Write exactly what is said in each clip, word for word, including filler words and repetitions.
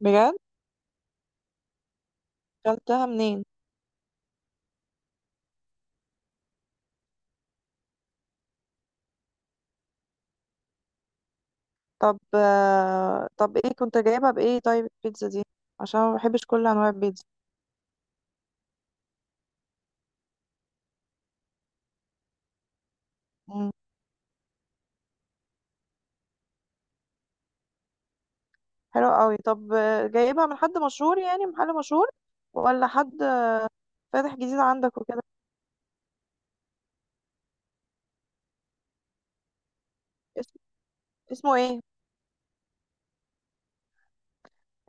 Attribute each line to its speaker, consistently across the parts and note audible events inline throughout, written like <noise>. Speaker 1: بجد؟ اكلتها منين؟ طب آه، طب ايه كنت جايبها بايه؟ طيب البيتزا دي عشان أنا ما بحبش كل انواع البيتزا. مم. حلو قوي. طب آه، جايبها من حد مشهور؟ يعني محل مشهور ولا حد فاتح جديد عندك وكده؟ اسم... اسمه ايه؟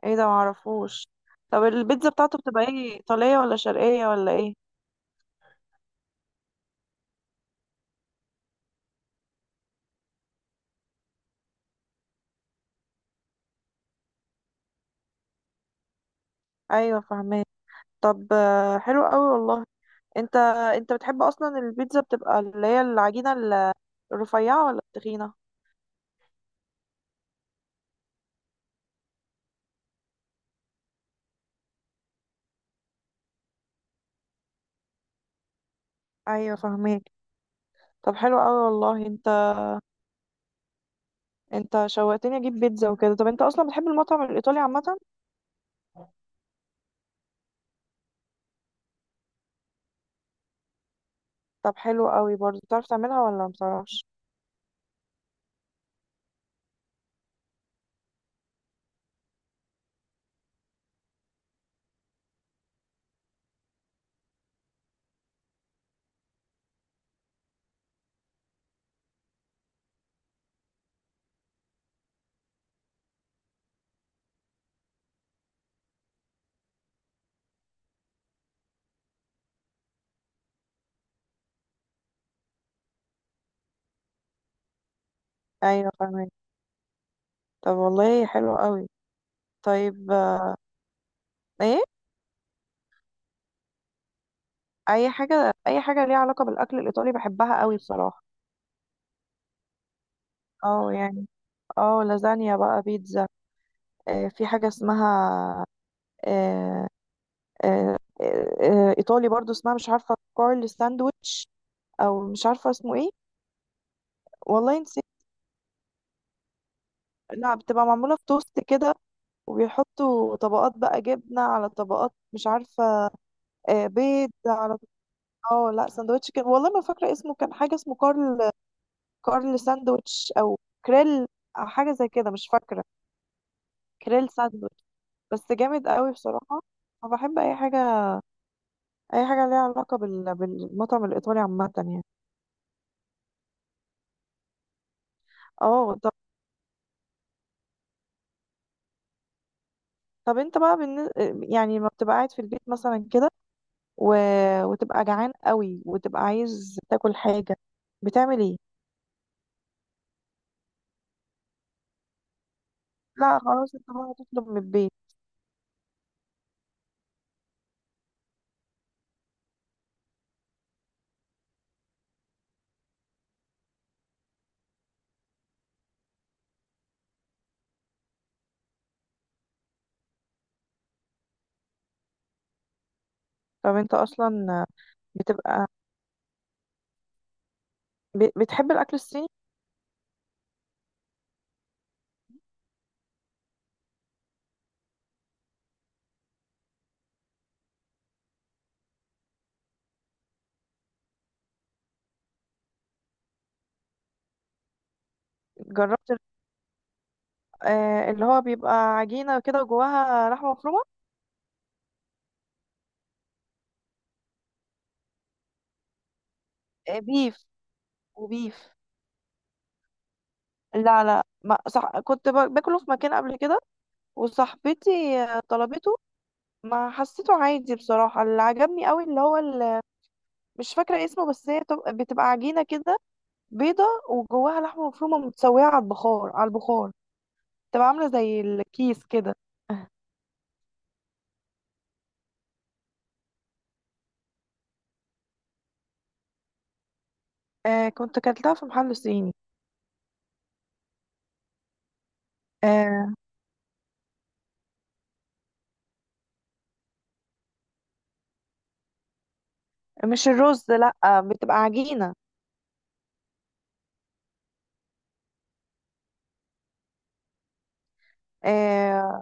Speaker 1: ايه ده؟ معرفوش. طب البيتزا بتاعته بتبقى ايه، ايطاليه ولا شرقيه ولا ايه؟ ايوه فاهمه. طب آه، حلو قوي والله. انت انت بتحب اصلا البيتزا، بتبقى اللي هي العجينه ال- الرفيعه ولا التخينه؟ ايوه فاهمه. طب حلو قوي والله. انت انت شوقتني اجيب بيتزا وكده. طب انت اصلا بتحب المطعم الايطالي عامه؟ طب حلو قوي برضه، بتعرف تعملها ولا ما بتعرفش؟ ايوه فاهمك. طب والله حلو قوي. طيب. آه، ايه؟ اي حاجه، اي حاجه ليها علاقه بالاكل الايطالي بحبها قوي بصراحه. اه يعني. اه، لازانيا بقى، بيتزا. آه، في حاجه اسمها، آه آه آه آه ايطالي برضه، اسمها مش عارفه، كارل ساندويتش، او مش عارفه اسمه ايه. والله نسيت. لا، بتبقى معموله في توست كده، وبيحطوا طبقات بقى، جبنة على طبقات، مش عارفة. آه، بيض على. اه لا، سندوتش كان، والله ما فاكرة اسمه، كان حاجة اسمه كارل. كارل ساندوتش او كريل، أو حاجة زي كده، مش فاكرة. كريل ساندوتش. بس جامد قوي بصراحة. أنا بحب أي حاجة، أي حاجة ليها علاقة بال... بالمطعم الإيطالي عامة يعني. اه طب. طب انت بقى بالن... يعني لما بتبقى قاعد في البيت مثلا كده، و... وتبقى جعان قوي وتبقى عايز تاكل حاجة، بتعمل ايه؟ لا خلاص، انت بقى تطلب من البيت. طب انت اصلا بتبقى ب- بتحب الاكل الصيني؟ جربت ال-. آه، اللي هو بيبقى عجينه كده وجواها لحمه مفرومه. آه، بيف. وبيف. لا لا، ما صح، كنت ب- باكله في مكان قبل كده، وصاحبتي آه، طلبته، ما حسيته عادي بصراحه. اللي عجبني قوي اللي هو ال-. مش فاكره اسمه، بس هي تب- بتبقى عجينه كده، بيضه، وجواها لحمه مفرومه، متسويه على البخار، على البخار، تبقى عامله زي الكيس كده. <laughs> آه، كنت اكلتها في محل صيني. آه، مش الرز لا، بتبقى عجينة. آه،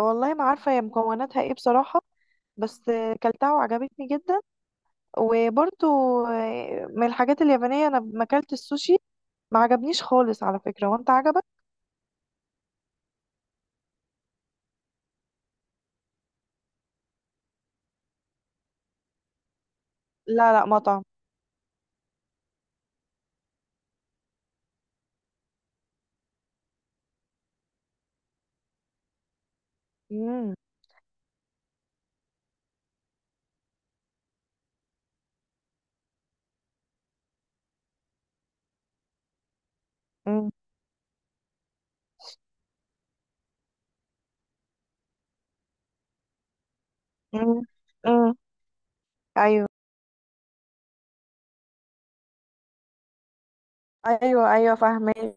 Speaker 1: والله ما عارفة هي مكوناتها ايه بصراحة، بس آه، كلتها وعجبتني جدا. وبرضو آه، من الحاجات اليابانية، انا ما كلت السوشي، ما عجبنيش خالص على فكرة. وانت عجبك؟ لا لا، مطعم. مم. مم. مم. مم. ايوه. ايوه ايوه فاهمه.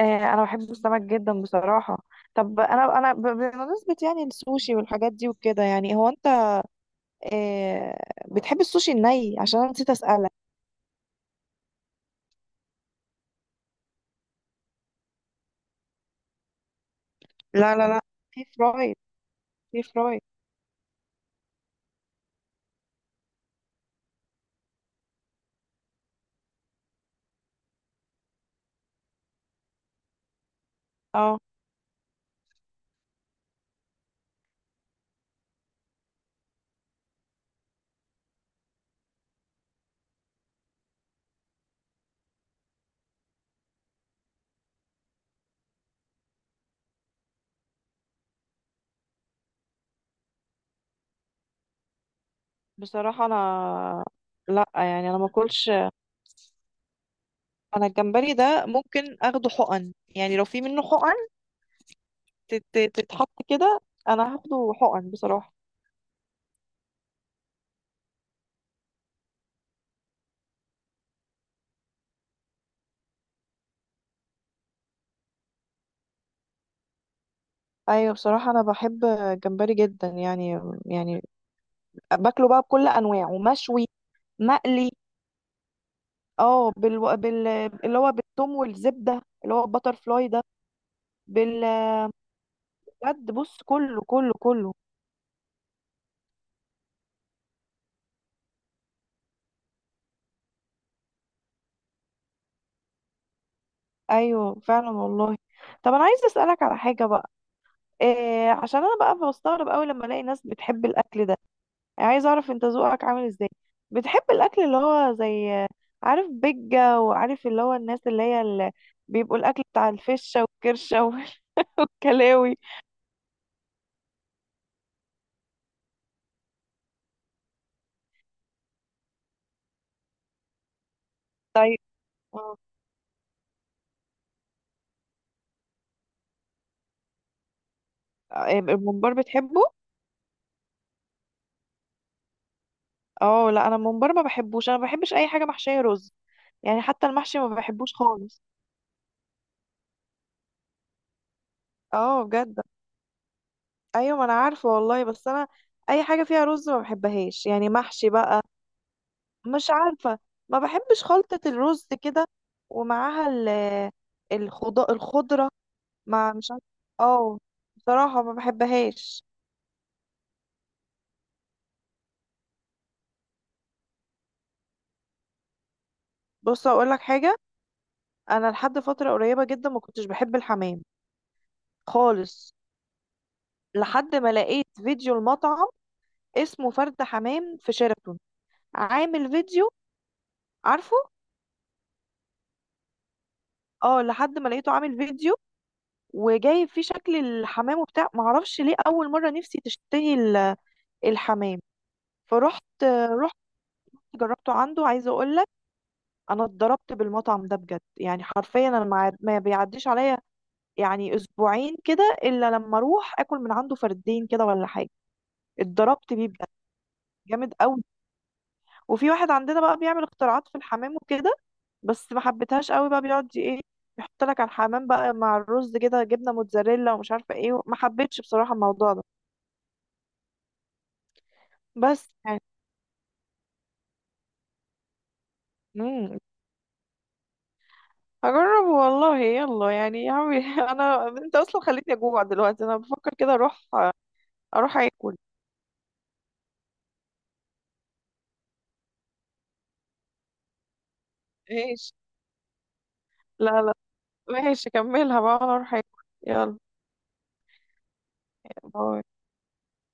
Speaker 1: آه، انا بحب السمك جدا بصراحه. طب انا انا ب- بمناسبه يعني السوشي والحاجات دي وكده، يعني هو انت، آه بتحب السوشي الني؟ عشان انا نسيت اسالك. لا لا لا، في فرايد، في فرايد. اه بصراحة انا، لا يعني انا ما اكلش. انا الجمبري ده ممكن اخده حقن، يعني لو في منه حقن تت- تتحط كده، انا هاخده حقن بصراحة. ايوه بصراحة انا بحب الجمبري جدا يعني، يعني باكله بقى بكل انواعه، مشوي، مقلي. اه بال... بال اللي هو بالثوم والزبدة، اللي هو البتر فلاي ده. بال. بجد بص، كله كله كله. ايوه فعلا والله. طب انا عايز اسالك على حاجة بقى. إيه، عشان انا بقى بستغرب قوي لما الاقي ناس بتحب الاكل ده. يعني عايز اعرف انت ذوقك عامل ازاي، بتحب الاكل اللي هو زي، عارف بيجة، وعارف اللي هو الناس اللي هي اللي بيبقوا الاكل بتاع الفشة والكرشة <laughs> والكلاوي؟ طيب. آه، إيه، الممبار، بتحبه؟ اه لا، انا الممبار ما بحبوش. انا ما بحبش اي حاجة محشية رز، يعني حتى المحشي ما بحبوش خالص. اه بجد. ايوه، ما انا عارفة والله، بس انا اي حاجة فيها رز ما بحبهاش، يعني محشي بقى. مش عارفة. ما بحبش خلطة الرز كده، ومعاها ال الخض- الخضرة. مع، مش عارفة. اه. بصراحة ما بحبهاش. بص اقول لك حاجة، انا لحد فترة قريبة جدا ما كنتش بحب الحمام خالص، لحد ما لقيت فيديو المطعم، اسمه فرد حمام، في شيراتون، عامل فيديو، عارفه. اه، لحد ما لقيته عامل فيديو، وجايب فيه شكل الحمام وبتاع، معرفش ليه اول مرة نفسي تشتهي ال- الحمام. فرحت رحت جربته عنده. عايزه اقول لك، انا اتضربت بالمطعم ده بجد، يعني حرفيا انا ما ما بيعديش عليا، يعني اسبوعين كده الا لما اروح اكل من عنده فردين كده ولا حاجه. اتضربت بيه بجد. جامد قوي. وفي واحد عندنا بقى بيعمل اختراعات في الحمام وكده، بس ما حبيتهاش قوي بقى. بيقعد ي- ايه، يحط لك على الحمام بقى مع الرز كده جبنه موتزاريلا ومش عارفه ايه. ما حبيتش بصراحه الموضوع ده. بس يعني. امم هجرب والله يلا، يعني يا عمي. <laughs> انا، انت اصلا خليتني اجوع دلوقتي، انا بفكر كده اروح اروح اكل. ماشي. لا لا، ماشي، كملها بقى، انا اروح اكل. يلا. باي.